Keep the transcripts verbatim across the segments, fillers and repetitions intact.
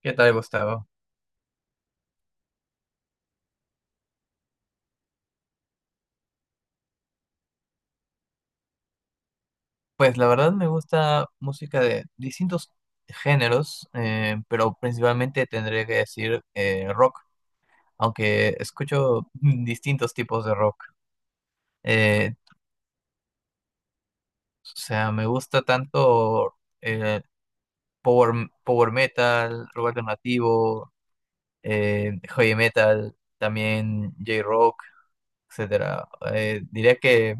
¿Qué tal, Gustavo? Pues la verdad me gusta música de distintos géneros, eh, pero principalmente tendré que decir eh, rock, aunque escucho distintos tipos de rock. Eh, o sea, me gusta tanto eh, power, power metal, rock alternativo, eh, heavy metal, también J-rock, etcétera. Eh, diría que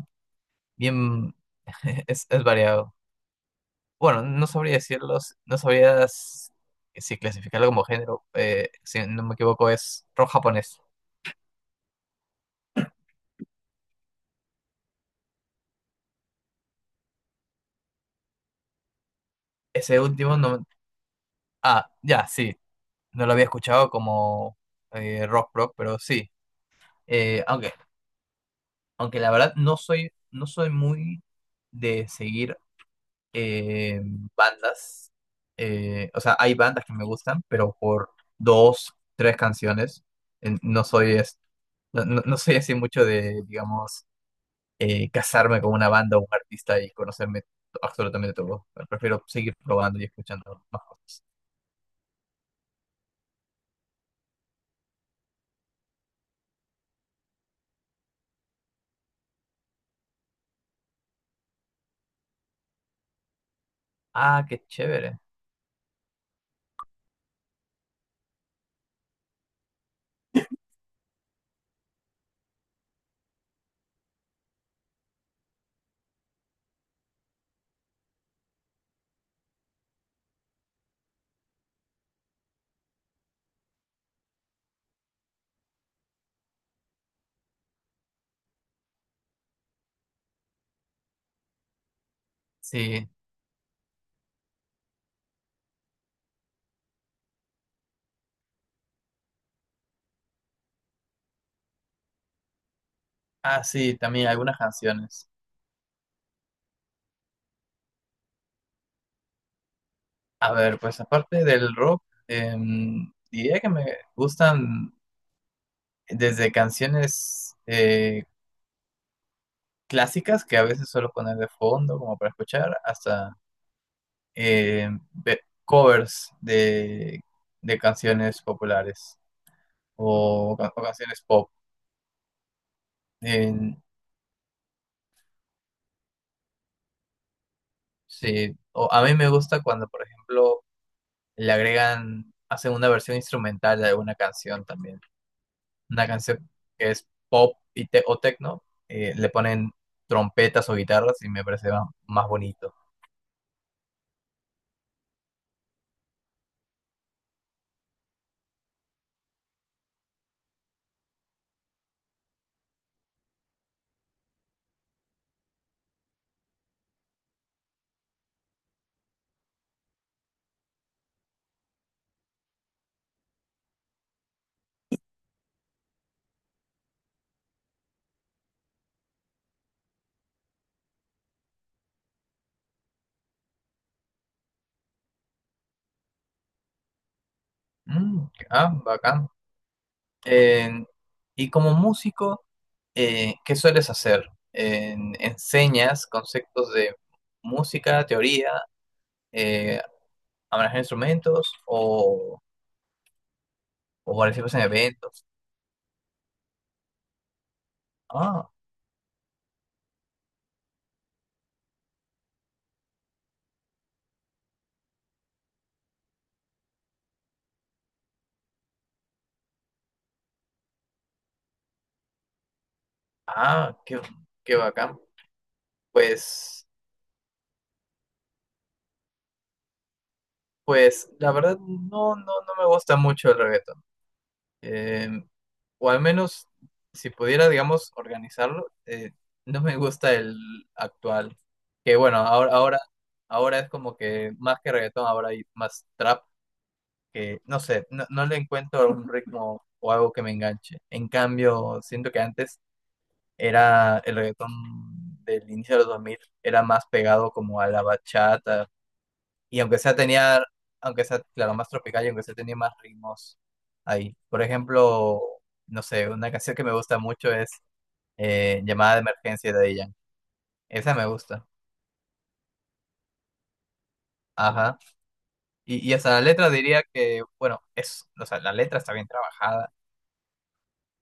bien es es variado. Bueno, no sabría decirlo, no sabría s- si clasificarlo como género. Eh, si no me equivoco, es rock japonés. Ese último no. me- Ah, ya, sí. No lo había escuchado como eh, rock rock, pero sí. Eh, aunque, aunque la verdad no soy, no soy muy de seguir eh, bandas. Eh, o sea, hay bandas que me gustan, pero por dos, tres canciones. En- No soy, es- no, no no soy así mucho de, digamos. Eh, casarme con una banda o un artista y conocerme to- absolutamente todo. Prefiero seguir probando y escuchando más cosas. Ah, qué chévere. Sí. Ah, sí, también algunas canciones. A ver, pues aparte del rock, em, diría que me gustan desde canciones eh, clásicas que a veces suelo poner de fondo como para escuchar, hasta em, ve- covers de, de canciones populares o, ca- o canciones pop. En- Sí, o a mí me gusta cuando, por ejemplo, le agregan, hacen una versión instrumental de alguna canción también. Una canción que es pop y te- o techno, eh, le ponen trompetas o guitarras y me parece ma- más, bonito. Mm, ah, bacán. En- y como músico, eh, ¿qué sueles hacer? En- ¿enseñas conceptos de música, teoría, eh, a manejar instrumentos o, o participas en eventos? Ah. Ah, qué, qué bacán. Pues, pues, la verdad no, no, no me gusta mucho el reggaetón. Eh, o al menos, si pudiera, digamos, organizarlo, eh, no me gusta el actual. Que bueno, ahora, ahora, ahora es como que más que reggaetón, ahora hay más trap, que no sé, no, no le encuentro un ritmo o algo que me enganche. En cambio, siento que antes era el reggaetón del inicio de los dos mil era más pegado como a la bachata. Y aunque sea tenía, aunque sea, claro, más tropical y aunque sea tenía más ritmos ahí. Por ejemplo, no sé, una canción que me gusta mucho es eh, Llamada de Emergencia de Daddy Yankee. Esa me gusta. Ajá. Y, y hasta la letra diría que, bueno, es, o sea, la letra está bien trabajada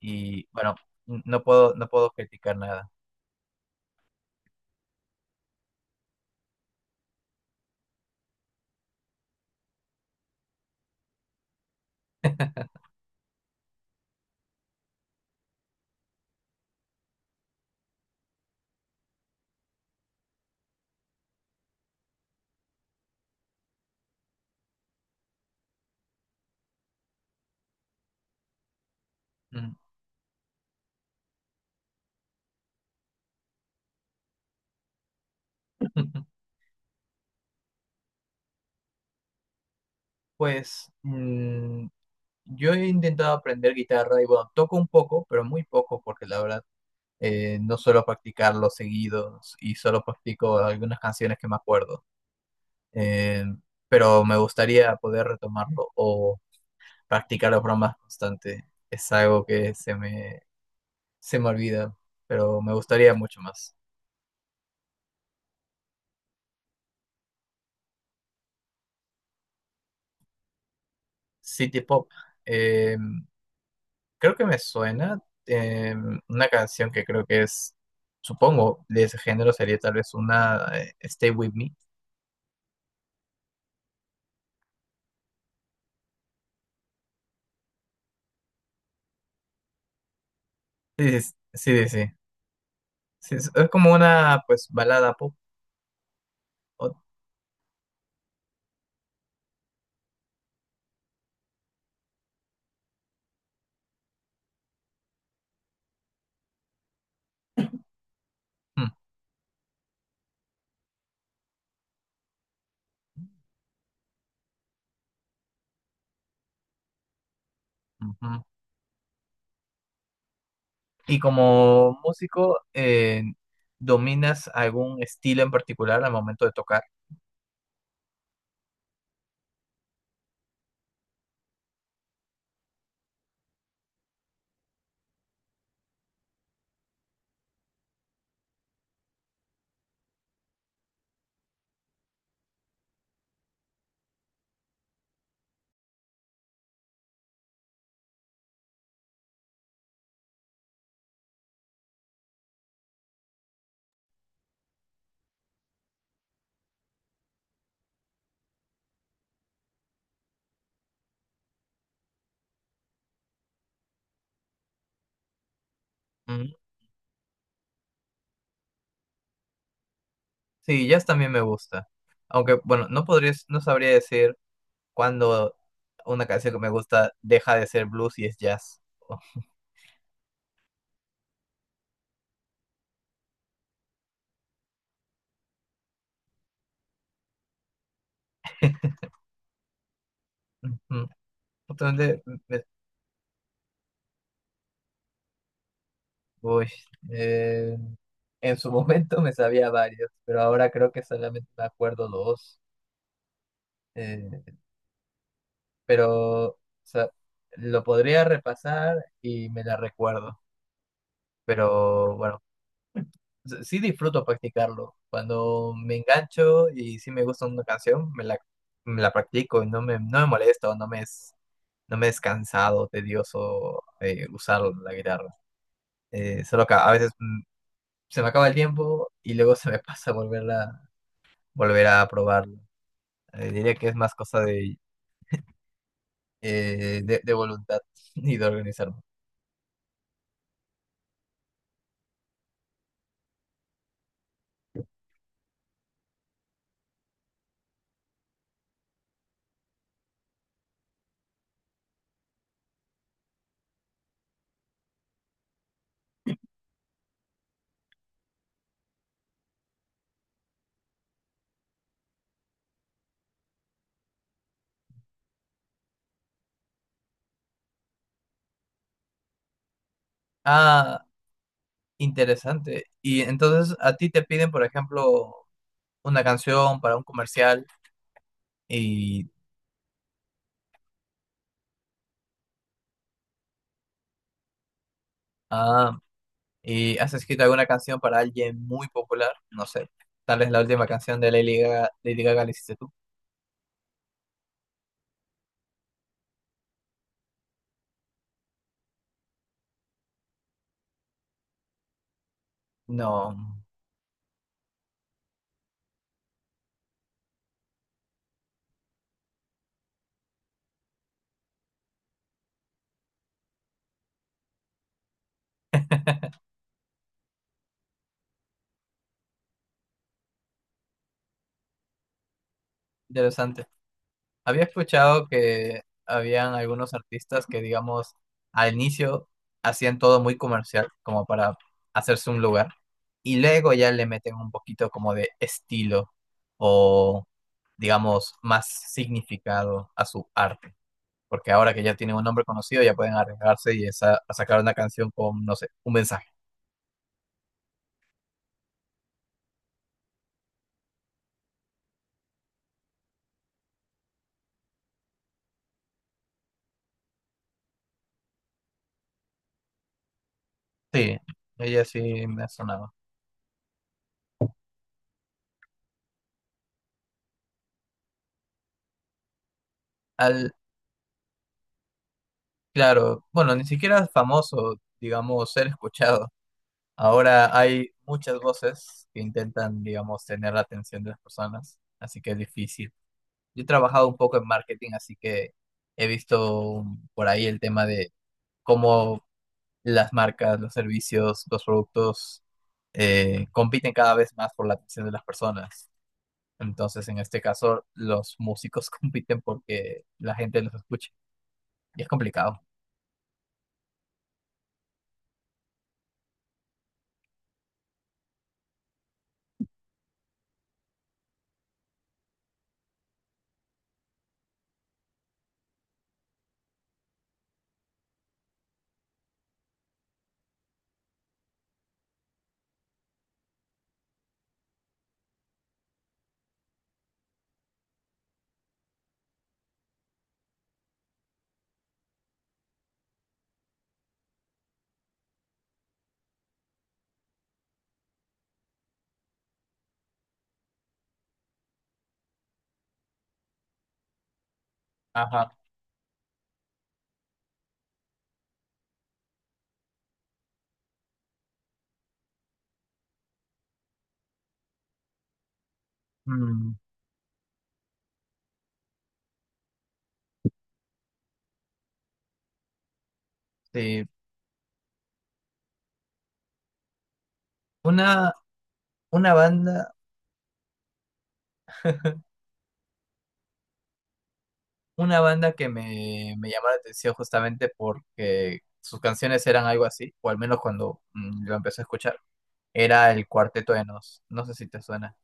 y, bueno, n- no puedo, no puedo criticar nada. Mm. Pues mm, yo he intentado aprender guitarra y, bueno, toco un poco, pero muy poco, porque la verdad eh, no suelo practicarlo seguido y solo practico algunas canciones que me acuerdo. Eh, pero me gustaría poder retomarlo o practicarlo de forma más constante. Es algo que se me, se me olvida, pero me gustaría mucho más. City Pop. eh, Creo que me suena eh, una canción que creo que es, supongo, de ese género sería tal vez una eh, Stay With Me. Sí, sí, sí. Sí, sí. Sí, es es como una pues balada pop. o- mm. Ujú. Y como músico, eh, ¿dominas algún estilo en particular al momento de tocar? Ujú. Sí, jazz también me gusta. Aunque, bueno, no podría, no sabría decir cuándo una canción que me gusta deja de ser blues y es jazz. Ujú. Entonces, me- uy, eh, en su momento me sabía varios, pero ahora creo que solamente me acuerdo dos. Eh, pero o sea, lo podría repasar y me la recuerdo. Pero bueno, s- sí disfruto practicarlo. Cuando me engancho y sí me gusta una canción, me la, me la practico y no me, no me molesta o no me es, no me es cansado, tedioso eh, usar la guitarra. Eh, solo que a veces mm, se me acaba el tiempo y luego se me pasa volverla, volver a probarlo. Eh, diría que es más cosa de, eh, de, de voluntad y de organizarme. Ah, interesante. Y entonces a ti te piden, por ejemplo, una canción para un comercial. Y, ah, y has escrito alguna canción para alguien muy popular, no sé. Tal vez la última canción de Lady Gaga, Lady Gaga la hiciste tú. No, interesante. Había escuchado que habían algunos artistas que, digamos, al inicio hacían todo muy comercial, como para hacerse un lugar, y luego ya le meten un poquito como de estilo o, digamos, más significado a su arte. Porque ahora que ya tienen un nombre conocido ya pueden arriesgarse y esa- a sacar una canción con, no sé, un mensaje. Sí, ella sí me ha sonado. Al, claro, bueno, ni siquiera es famoso, digamos, ser escuchado. Ahora hay muchas voces que intentan, digamos, tener la atención de las personas, así que es difícil. Yo he trabajado un poco en marketing, así que he visto por ahí el tema de cómo las marcas, los servicios, los productos eh, compiten cada vez más por la atención de las personas. Entonces, en este caso, los músicos compiten porque la gente los escuche. Y es complicado. Ajá. Mm, sí. Una, una banda, una banda que me, me llamó la atención justamente porque sus canciones eran algo así, o al menos cuando mm, lo empecé a escuchar, era el Cuarteto de Nos. No sé si te suena.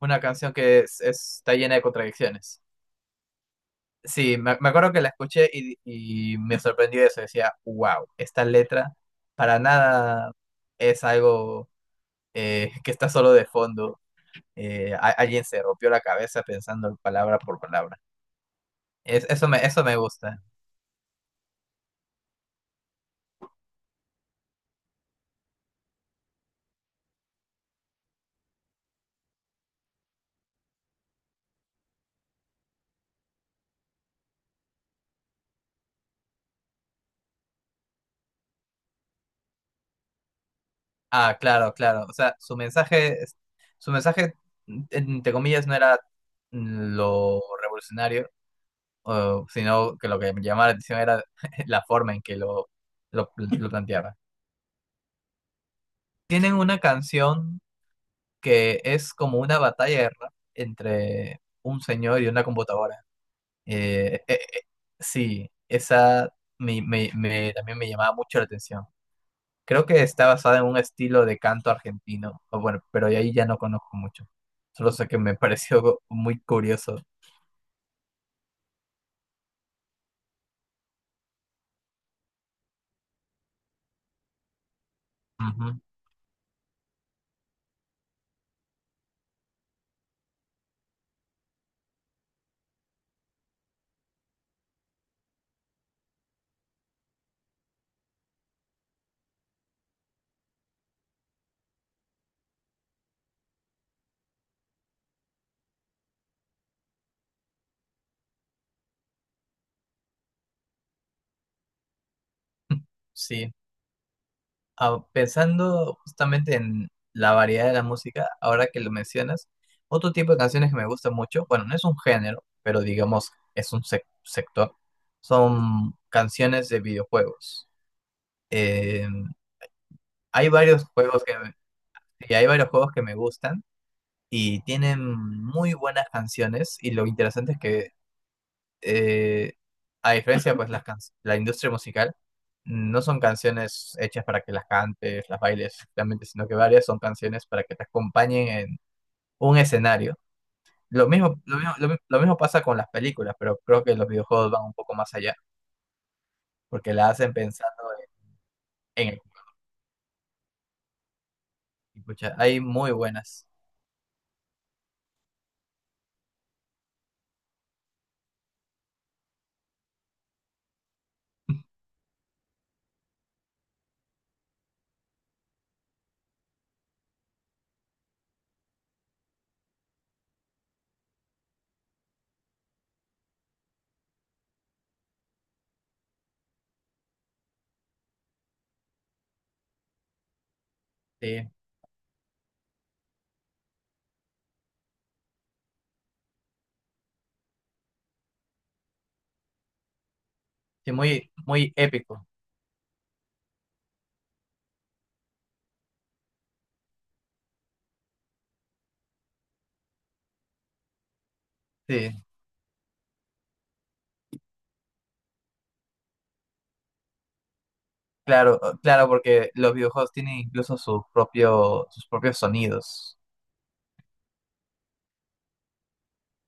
Una canción que es- es- está llena de contradicciones. Sí, me, me acuerdo que la escuché y, y me sorprendió eso. Decía, wow, esta letra para nada es algo eh, que está solo de fondo. Eh, a- alguien se rompió la cabeza pensando palabra por palabra. Es, eso me, eso me gusta. Ah, claro, claro. O sea, su mensaje, es- su mensaje, entre comillas, no era lo revolucionario, o- sino que lo que me llamaba la atención era la forma en que lo, lo, lo planteaba. Tienen una canción que es como una batalla de rap entre un señor y una computadora. Eh, eh, eh, sí, esa me- me- me- también me llamaba mucho la atención. Creo que está basada en un estilo de canto argentino, o bueno, pero ahí ya no conozco mucho. Solo sé que me pareció muy curioso. Ujú. Sí. Ah, pensando justamente en la variedad de la música, ahora que lo mencionas, otro tipo de canciones que me gusta mucho, bueno, no es un género, pero digamos es un sec- sector, son canciones de videojuegos. Eh, hay varios juegos que me- Y hay varios juegos que me gustan y tienen muy buenas canciones y lo interesante es que eh, a diferencia, pues, las can- la industria musical no son canciones hechas para que las cantes, las bailes, realmente, sino que varias son canciones para que te acompañen en un escenario. Lo mismo, lo mismo, lo mi- lo mismo pasa con las películas, pero creo que los videojuegos van un poco más allá, porque la hacen pensando en el. Y pucha, hay muy buenas, sí, sí, muy, muy épico, sí. Claro, claro, porque los videojuegos tienen incluso su propio, sus propios sonidos.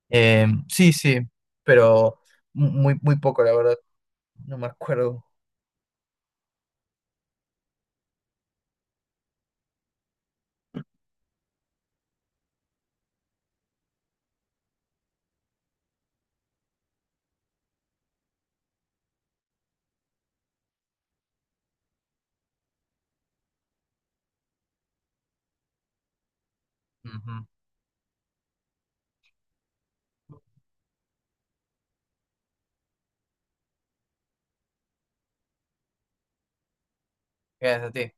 Eh, sí, sí, pero mu- muy, muy poco, la verdad. No me acuerdo. Ujú. Gracias a ti.